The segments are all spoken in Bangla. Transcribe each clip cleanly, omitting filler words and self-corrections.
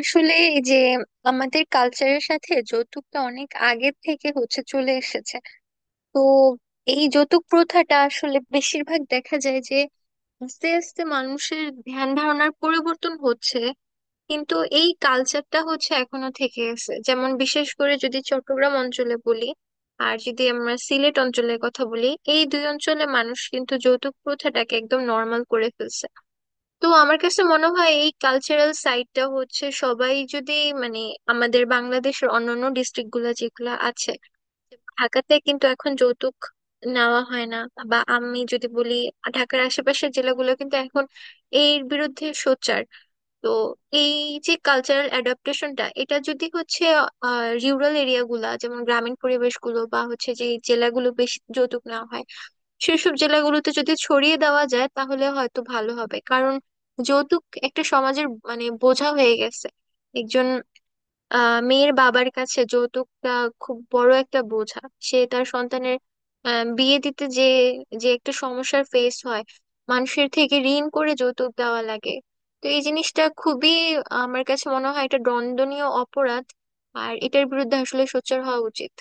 আসলে এই যে আমাদের কালচারের সাথে যৌতুকটা অনেক আগের থেকে হচ্ছে চলে এসেছে। তো এই যৌতুক প্রথাটা আসলে বেশিরভাগ দেখা যায় যে আস্তে আস্তে মানুষের ধ্যান ধারণার পরিবর্তন হচ্ছে, কিন্তু এই কালচারটা হচ্ছে এখনো থেকে আছে, যেমন বিশেষ করে যদি চট্টগ্রাম অঞ্চলে বলি আর যদি আমরা সিলেট অঞ্চলের কথা বলি, এই দুই অঞ্চলে মানুষ কিন্তু যৌতুক প্রথাটাকে একদম নর্মাল করে ফেলছে। তো আমার কাছে মনে হয় এই কালচারাল সাইডটা হচ্ছে, সবাই যদি মানে আমাদের বাংলাদেশের অন্যান্য ডিস্ট্রিক্ট গুলা যেগুলো আছে, ঢাকাতে কিন্তু এখন যৌতুক নেওয়া হয় না, বা আমি যদি বলি ঢাকার আশেপাশের জেলাগুলো কিন্তু এখন এর বিরুদ্ধে সোচ্চার। তো এই যে কালচারাল অ্যাডাপ্টেশনটা এটা যদি হচ্ছে রুরাল এরিয়াগুলা যেমন গ্রামীণ পরিবেশগুলো বা হচ্ছে যে জেলাগুলো বেশি যৌতুক নেওয়া হয়, সেসব জেলাগুলোতে যদি ছড়িয়ে দেওয়া যায় তাহলে হয়তো ভালো হবে। কারণ যৌতুক একটা সমাজের মানে বোঝা হয়ে গেছে। একজন মেয়ের বাবার কাছে যৌতুকটা খুব বড় একটা বোঝা। সে তার সন্তানের বিয়ে দিতে যে যে একটা সমস্যার ফেস হয়, মানুষের থেকে ঋণ করে যৌতুক দেওয়া লাগে। তো এই জিনিসটা খুবই, আমার কাছে মনে হয় এটা দণ্ডনীয় অপরাধ, আর এটার বিরুদ্ধে আসলে সোচ্চার হওয়া উচিত।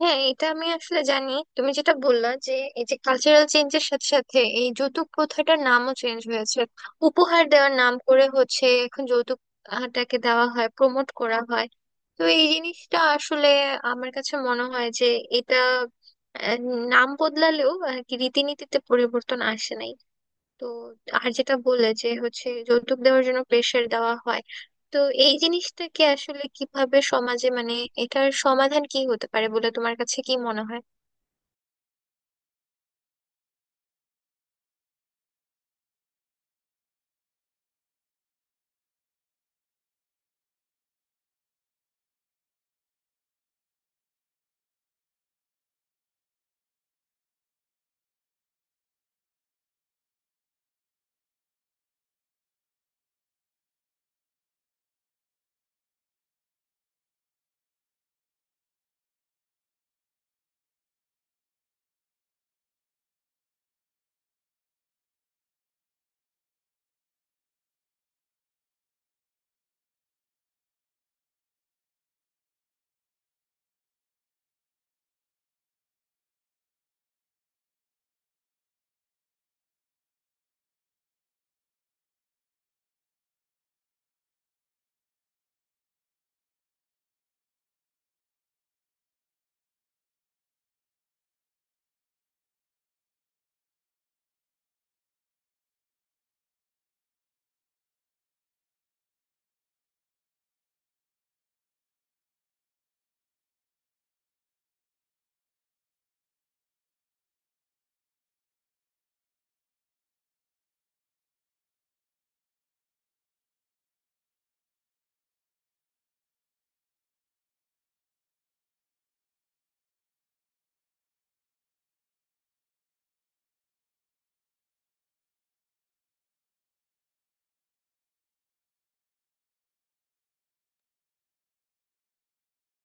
হ্যাঁ, এটা আমি আসলে জানি। তুমি যেটা বললা যে এই যে কালচারাল চেঞ্জের সাথে সাথে এই যৌতুক প্রথাটার নামও চেঞ্জ হয়েছে, উপহার দেওয়ার নাম করে হচ্ছে এখন যৌতুকটাকে দেওয়া হয়, প্রমোট করা হয়। তো এই জিনিসটা আসলে আমার কাছে মনে হয় যে এটা আহ, নাম বদলালেও আর কি রীতিনীতিতে পরিবর্তন আসে নাই। তো আর যেটা বললে যে হচ্ছে যৌতুক দেওয়ার জন্য প্রেশার দেওয়া হয়, তো এই জিনিসটাকে আসলে কিভাবে সমাজে মানে এটার সমাধান কি হতে পারে বলে তোমার কাছে কি মনে হয়?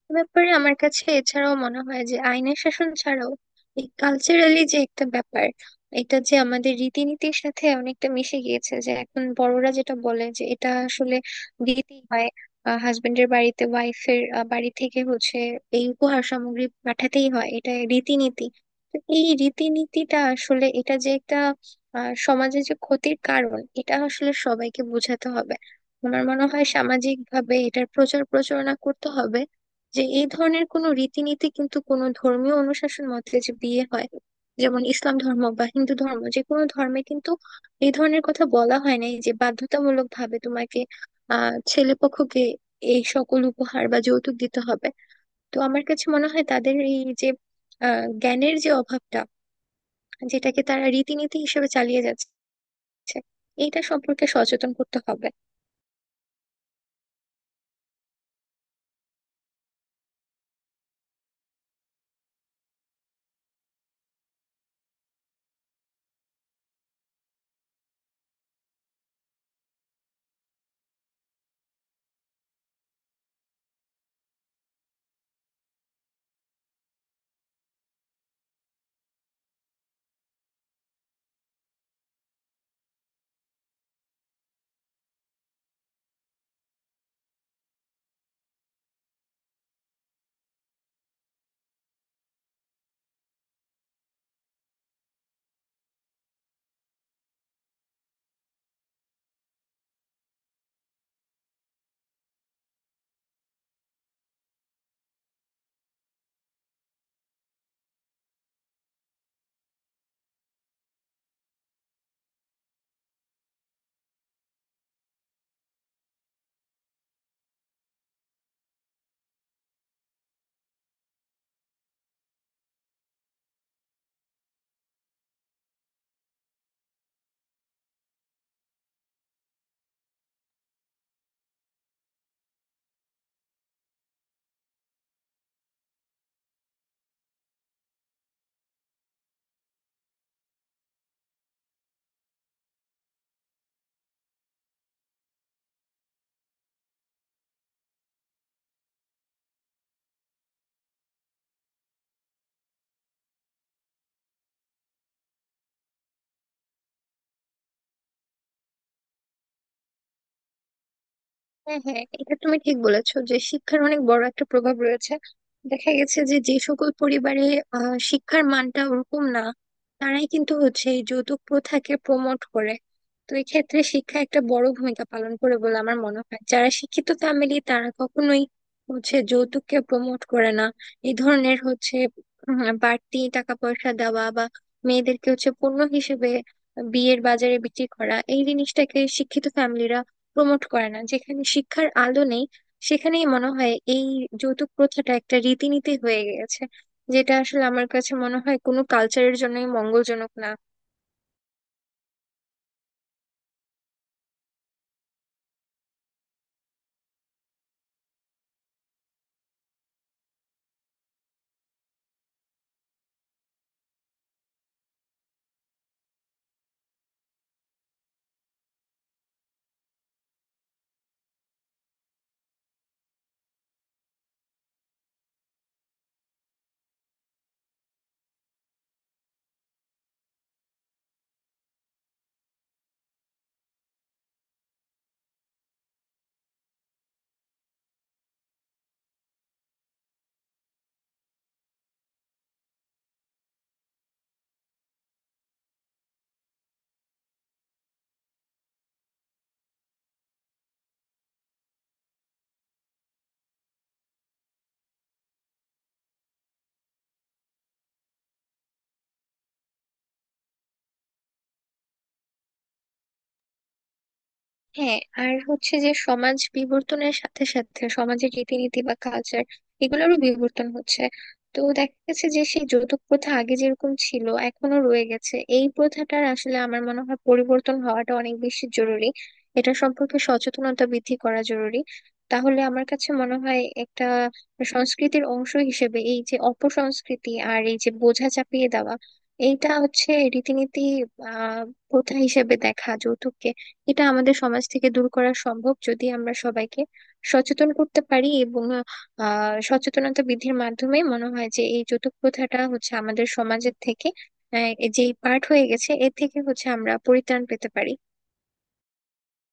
এ ব্যাপারে আমার কাছে এছাড়াও মনে হয় যে আইনের শাসন ছাড়াও এই কালচারালি যে একটা ব্যাপার, এটা যে আমাদের রীতিনীতির সাথে অনেকটা মিশে গিয়েছে যে এখন বড়রা যেটা বলে যে এটা আসলে দিতেই হয়। হাজবেন্ডের বাড়িতে ওয়াইফের বাড়ি থেকে হচ্ছে এই উপহার সামগ্রী পাঠাতেই হয়, এটা রীতিনীতি। তো এই রীতিনীতিটা আসলে এটা যে একটা সমাজে যে ক্ষতির কারণ, এটা আসলে সবাইকে বোঝাতে হবে। আমার মনে হয় সামাজিক ভাবে এটার প্রচার প্রচারণা করতে হবে যে এই ধরনের কোনো রীতিনীতি কিন্তু কোনো ধর্মীয় অনুশাসন মতে যে বিয়ে হয় যেমন ইসলাম ধর্ম বা হিন্দু ধর্ম, যে কোনো ধর্মে কিন্তু এই ধরনের কথা বলা হয় নাই যে বাধ্যতামূলক ভাবে তোমাকে ছেলে পক্ষকে এই সকল উপহার বা যৌতুক দিতে হবে। তো আমার কাছে মনে হয় তাদের এই যে জ্ঞানের যে অভাবটা, যেটাকে তারা রীতিনীতি হিসেবে চালিয়ে যাচ্ছে, এটা সম্পর্কে সচেতন করতে হবে। হ্যাঁ, হ্যাঁ, এটা তুমি ঠিক বলেছো যে শিক্ষার অনেক বড় একটা প্রভাব রয়েছে। দেখা গেছে যে যে সকল পরিবারে শিক্ষার মানটা ওরকম না, তারাই কিন্তু হচ্ছে এই যৌতুক প্রথাকে প্রমোট করে। তো এই ক্ষেত্রে শিক্ষা একটা বড় ভূমিকা পালন করে বলে আমার মনে হয়। যারা শিক্ষিত ফ্যামিলি তারা কখনোই হচ্ছে যৌতুককে প্রমোট করে না। এই ধরনের হচ্ছে বাড়তি টাকা পয়সা দেওয়া বা মেয়েদেরকে হচ্ছে পণ্য হিসেবে বিয়ের বাজারে বিক্রি করা, এই জিনিসটাকে শিক্ষিত ফ্যামিলিরা প্রমোট করে না। যেখানে শিক্ষার আলো নেই সেখানেই মনে হয় এই যৌতুক প্রথাটা একটা রীতিনীতি হয়ে গেছে, যেটা আসলে আমার কাছে মনে হয় কোনো কালচারের জন্যই মঙ্গলজনক না। হ্যাঁ, আর হচ্ছে যে সমাজ বিবর্তনের সাথে সাথে সমাজের রীতিনীতি বা কালচার এগুলোরও বিবর্তন হচ্ছে। তো দেখা গেছে যে সেই যৌতুক প্রথা আগে যেরকম ছিল এখনো রয়ে গেছে, এই প্রথাটার আসলে আমার মনে হয় পরিবর্তন হওয়াটা অনেক বেশি জরুরি, এটা সম্পর্কে সচেতনতা বৃদ্ধি করা জরুরি। তাহলে আমার কাছে মনে হয় একটা সংস্কৃতির অংশ হিসেবে এই যে অপসংস্কৃতি আর এই যে বোঝা চাপিয়ে দেওয়া, এইটা হচ্ছে রীতিনীতি আহ প্রথা হিসেবে দেখা যৌতুককে, এটা আমাদের সমাজ থেকে দূর করা সম্ভব যদি আমরা সবাইকে সচেতন করতে পারি। এবং সচেতনতা বৃদ্ধির মাধ্যমে মনে হয় যে এই যৌতুক প্রথাটা হচ্ছে আমাদের সমাজের থেকে যে পার্ট হয়ে গেছে এর থেকে হচ্ছে আমরা পরিত্রাণ পেতে পারি।